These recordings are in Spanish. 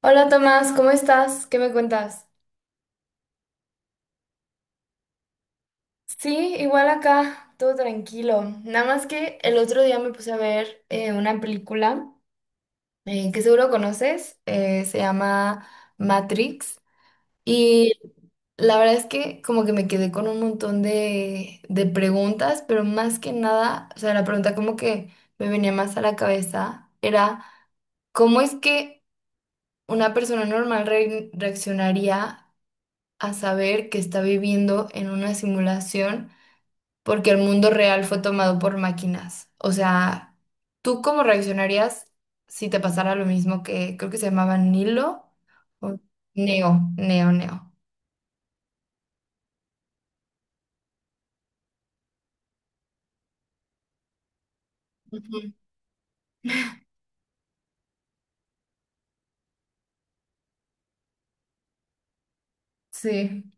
Hola Tomás, ¿cómo estás? ¿Qué me cuentas? Sí, igual acá, todo tranquilo. Nada más que el otro día me puse a ver una película que seguro conoces, se llama Matrix, y la verdad es que como que me quedé con un montón de preguntas, pero más que nada, o sea, la pregunta como que me venía más a la cabeza era... ¿Cómo es que una persona normal reaccionaría a saber que está viviendo en una simulación porque el mundo real fue tomado por máquinas? O sea, ¿tú cómo reaccionarías si te pasara lo mismo que, creo que se llamaba Nilo o Neo, Neo? Ujú. Sí.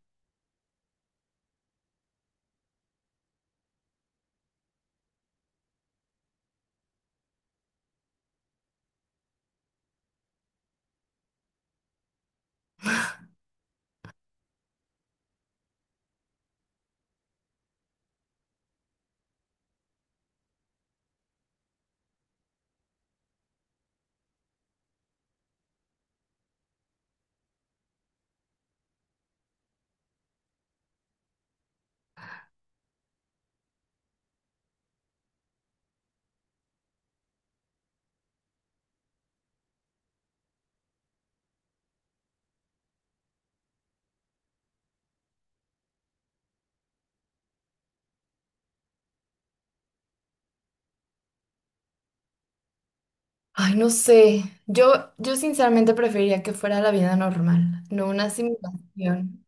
Ay, no sé. Yo sinceramente preferiría que fuera la vida normal, no una simulación.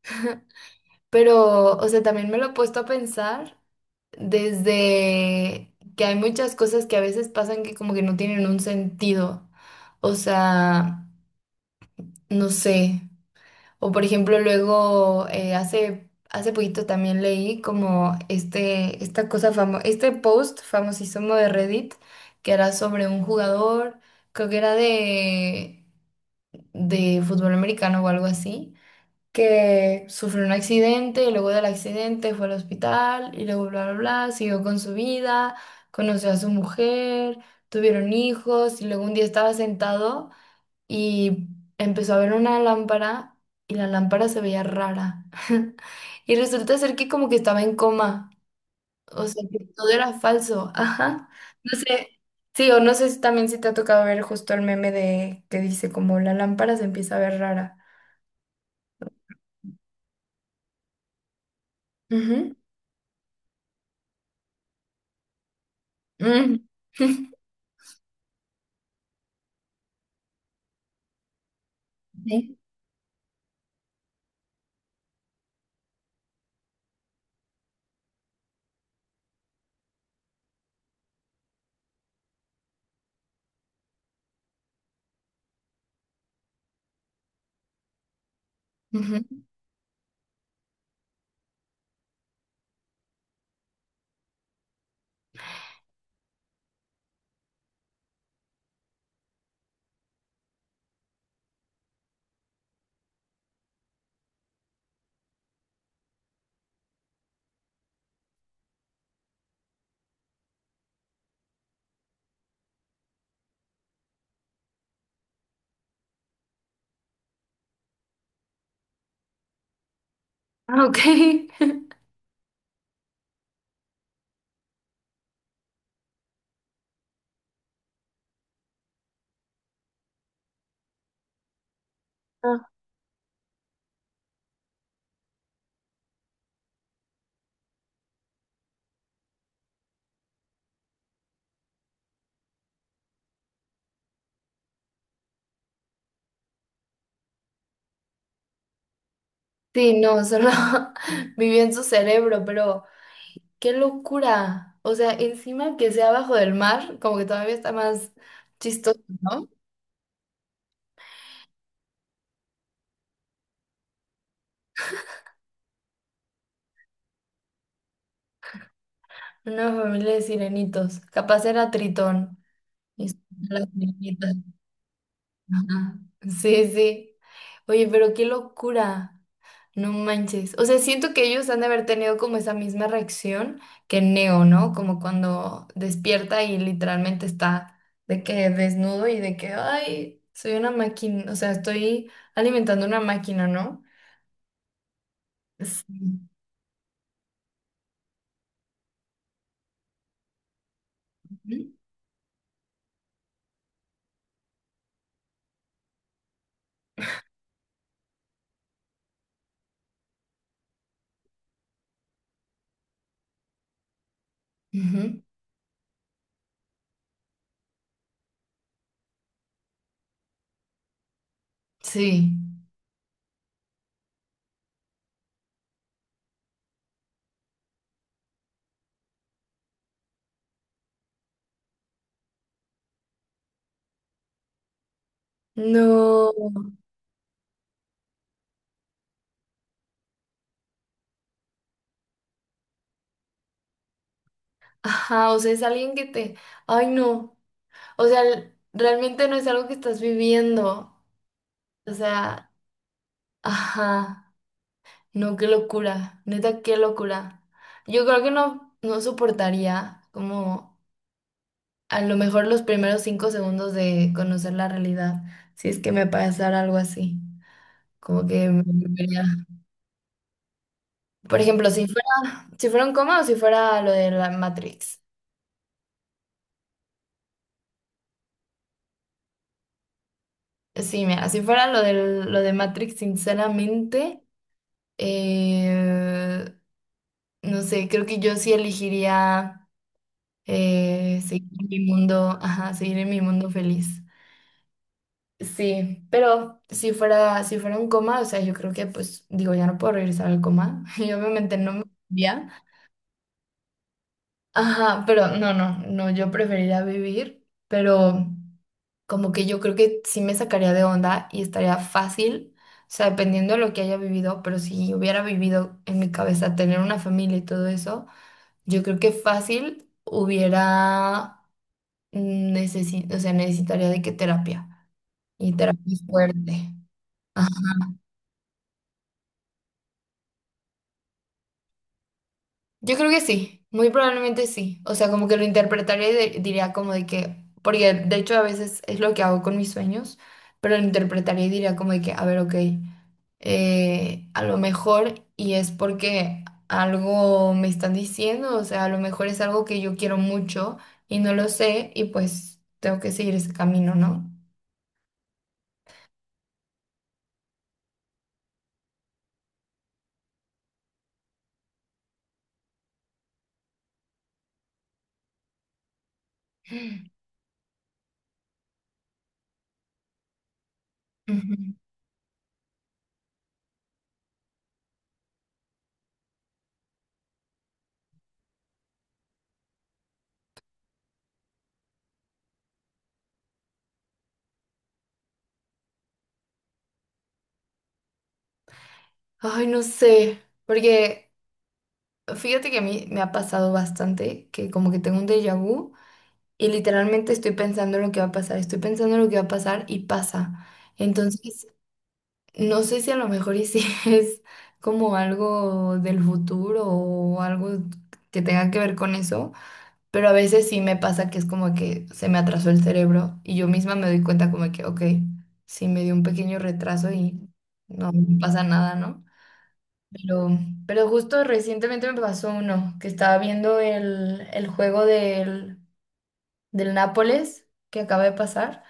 Pero, o sea, también me lo he puesto a pensar, desde que hay muchas cosas que a veces pasan que como que no tienen un sentido. O sea, no sé. O por ejemplo, luego hace poquito también leí como esta cosa este post famosísimo de Reddit que era sobre un jugador, creo que era de fútbol americano o algo así, que sufrió un accidente y luego del accidente fue al hospital y luego bla, bla, bla, siguió con su vida, conoció a su mujer, tuvieron hijos y luego un día estaba sentado y empezó a ver una lámpara y la lámpara se veía rara. Y resulta ser que como que estaba en coma, o sea, que todo era falso. Ajá. No sé. Sí, o no sé si también si te ha tocado ver justo el meme de que dice como la lámpara se empieza a ver rara. Ujú. Mm. Sí. Ujú. Ah, ok. Ah. Sí, no, solo viví en su cerebro, pero qué locura. O sea, encima que sea abajo del mar, como que todavía está más chistoso, ¿no? Una familia de sirenitos. Capaz era Tritón. Y son las sirenitas. Ajá. Sí, sí. Oye, pero qué locura. No manches. O sea, siento que ellos han de haber tenido como esa misma reacción que Neo, ¿no? Como cuando despierta y literalmente está de que desnudo y de que, ay, soy una máquina, o sea, estoy alimentando una máquina, ¿no? Sí. Ujú. Ujú. Sí. No. Ajá, o sea, es alguien que te, ay, no. O sea, realmente no es algo que estás viviendo. O sea, ajá, no, qué locura, neta, qué locura. Yo creo que no soportaría como a lo mejor los primeros 5 segundos de conocer la realidad, si es que me pasara algo así, como que me volvería... Por ejemplo, si fuera un coma, o si fuera lo de la Matrix. Sí, mira, si fuera lo de Matrix, sinceramente, eh, no sé, creo que yo sí elegiría... seguir en mi mundo, ajá, seguir en mi mundo feliz. Sí, pero si fuera un coma, o sea, yo creo que pues digo, ya no puedo regresar al coma y obviamente no me gustaría. Ajá, pero no, yo preferiría vivir, pero como que yo creo que sí me sacaría de onda y estaría fácil, o sea, dependiendo de lo que haya vivido, pero si hubiera vivido en mi cabeza tener una familia y todo eso, yo creo que fácil hubiera... Necesito, o sea, necesitaría de qué terapia. Y terapia fuerte. Ajá. Yo creo que sí, muy probablemente sí. O sea, como que lo interpretaría y diría como de que, porque de hecho a veces es lo que hago con mis sueños, pero lo interpretaría y diría como de que, a ver, ok, a lo mejor y es porque algo me están diciendo, o sea, a lo mejor es algo que yo quiero mucho y no lo sé y pues tengo que seguir ese camino, ¿no? Ujú. Ay, no sé, porque... Fíjate que a mí me ha pasado bastante, que como que tengo un déjà vu y literalmente estoy pensando en lo que va a pasar, estoy pensando en lo que va a pasar y pasa. Entonces, no sé si a lo mejor y si es como algo del futuro o algo que tenga que ver con eso, pero a veces sí me pasa que es como que se me atrasó el cerebro y yo misma me doy cuenta como que, ok, sí me dio un pequeño retraso y no, no pasa nada, ¿no? Pero, pero justo recientemente me pasó uno, que estaba viendo el juego del Nápoles que acaba de pasar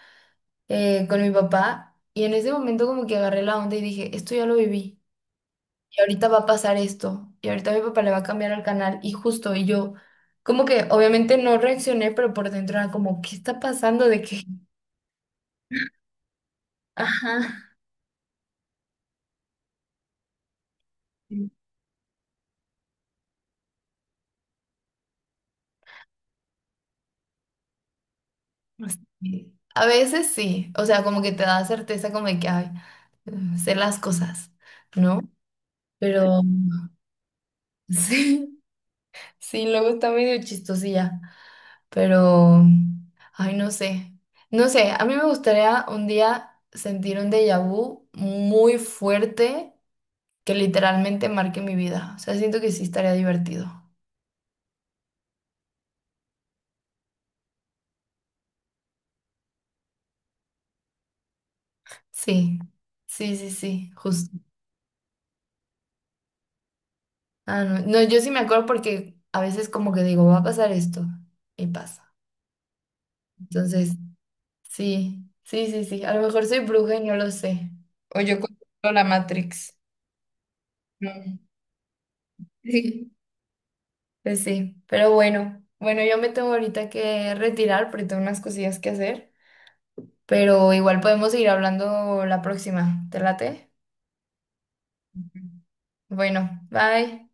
con mi papá, y en ese momento como que agarré la onda y dije, esto ya lo viví y ahorita va a pasar esto y ahorita mi papá le va a cambiar al canal y justo, y yo como que obviamente no reaccioné, pero por dentro era como, ¿qué está pasando? De que, ajá. Sí. Pues, sí. A veces sí, o sea, como que te da certeza como de que, ay, mm, sé las cosas, ¿no? Pero sí, sí, luego está medio chistosilla, pero, ay, no sé, no sé, a mí me gustaría un día sentir un déjà vu muy fuerte que literalmente marque mi vida. O sea, siento que sí estaría divertido. Sí, sí, sí, sí, justo. Ah, no, no, yo sí me acuerdo porque a veces como que digo, va a pasar esto y pasa. Entonces, sí, sí, sí, sí, a lo mejor soy bruja y no lo sé. O yo controlo la Matrix. No. Sí, pues sí, pero bueno, bueno, yo me tengo ahorita que retirar porque tengo unas cosillas que hacer, pero igual podemos seguir hablando la próxima, ¿te late? Ujú. Bueno, bye.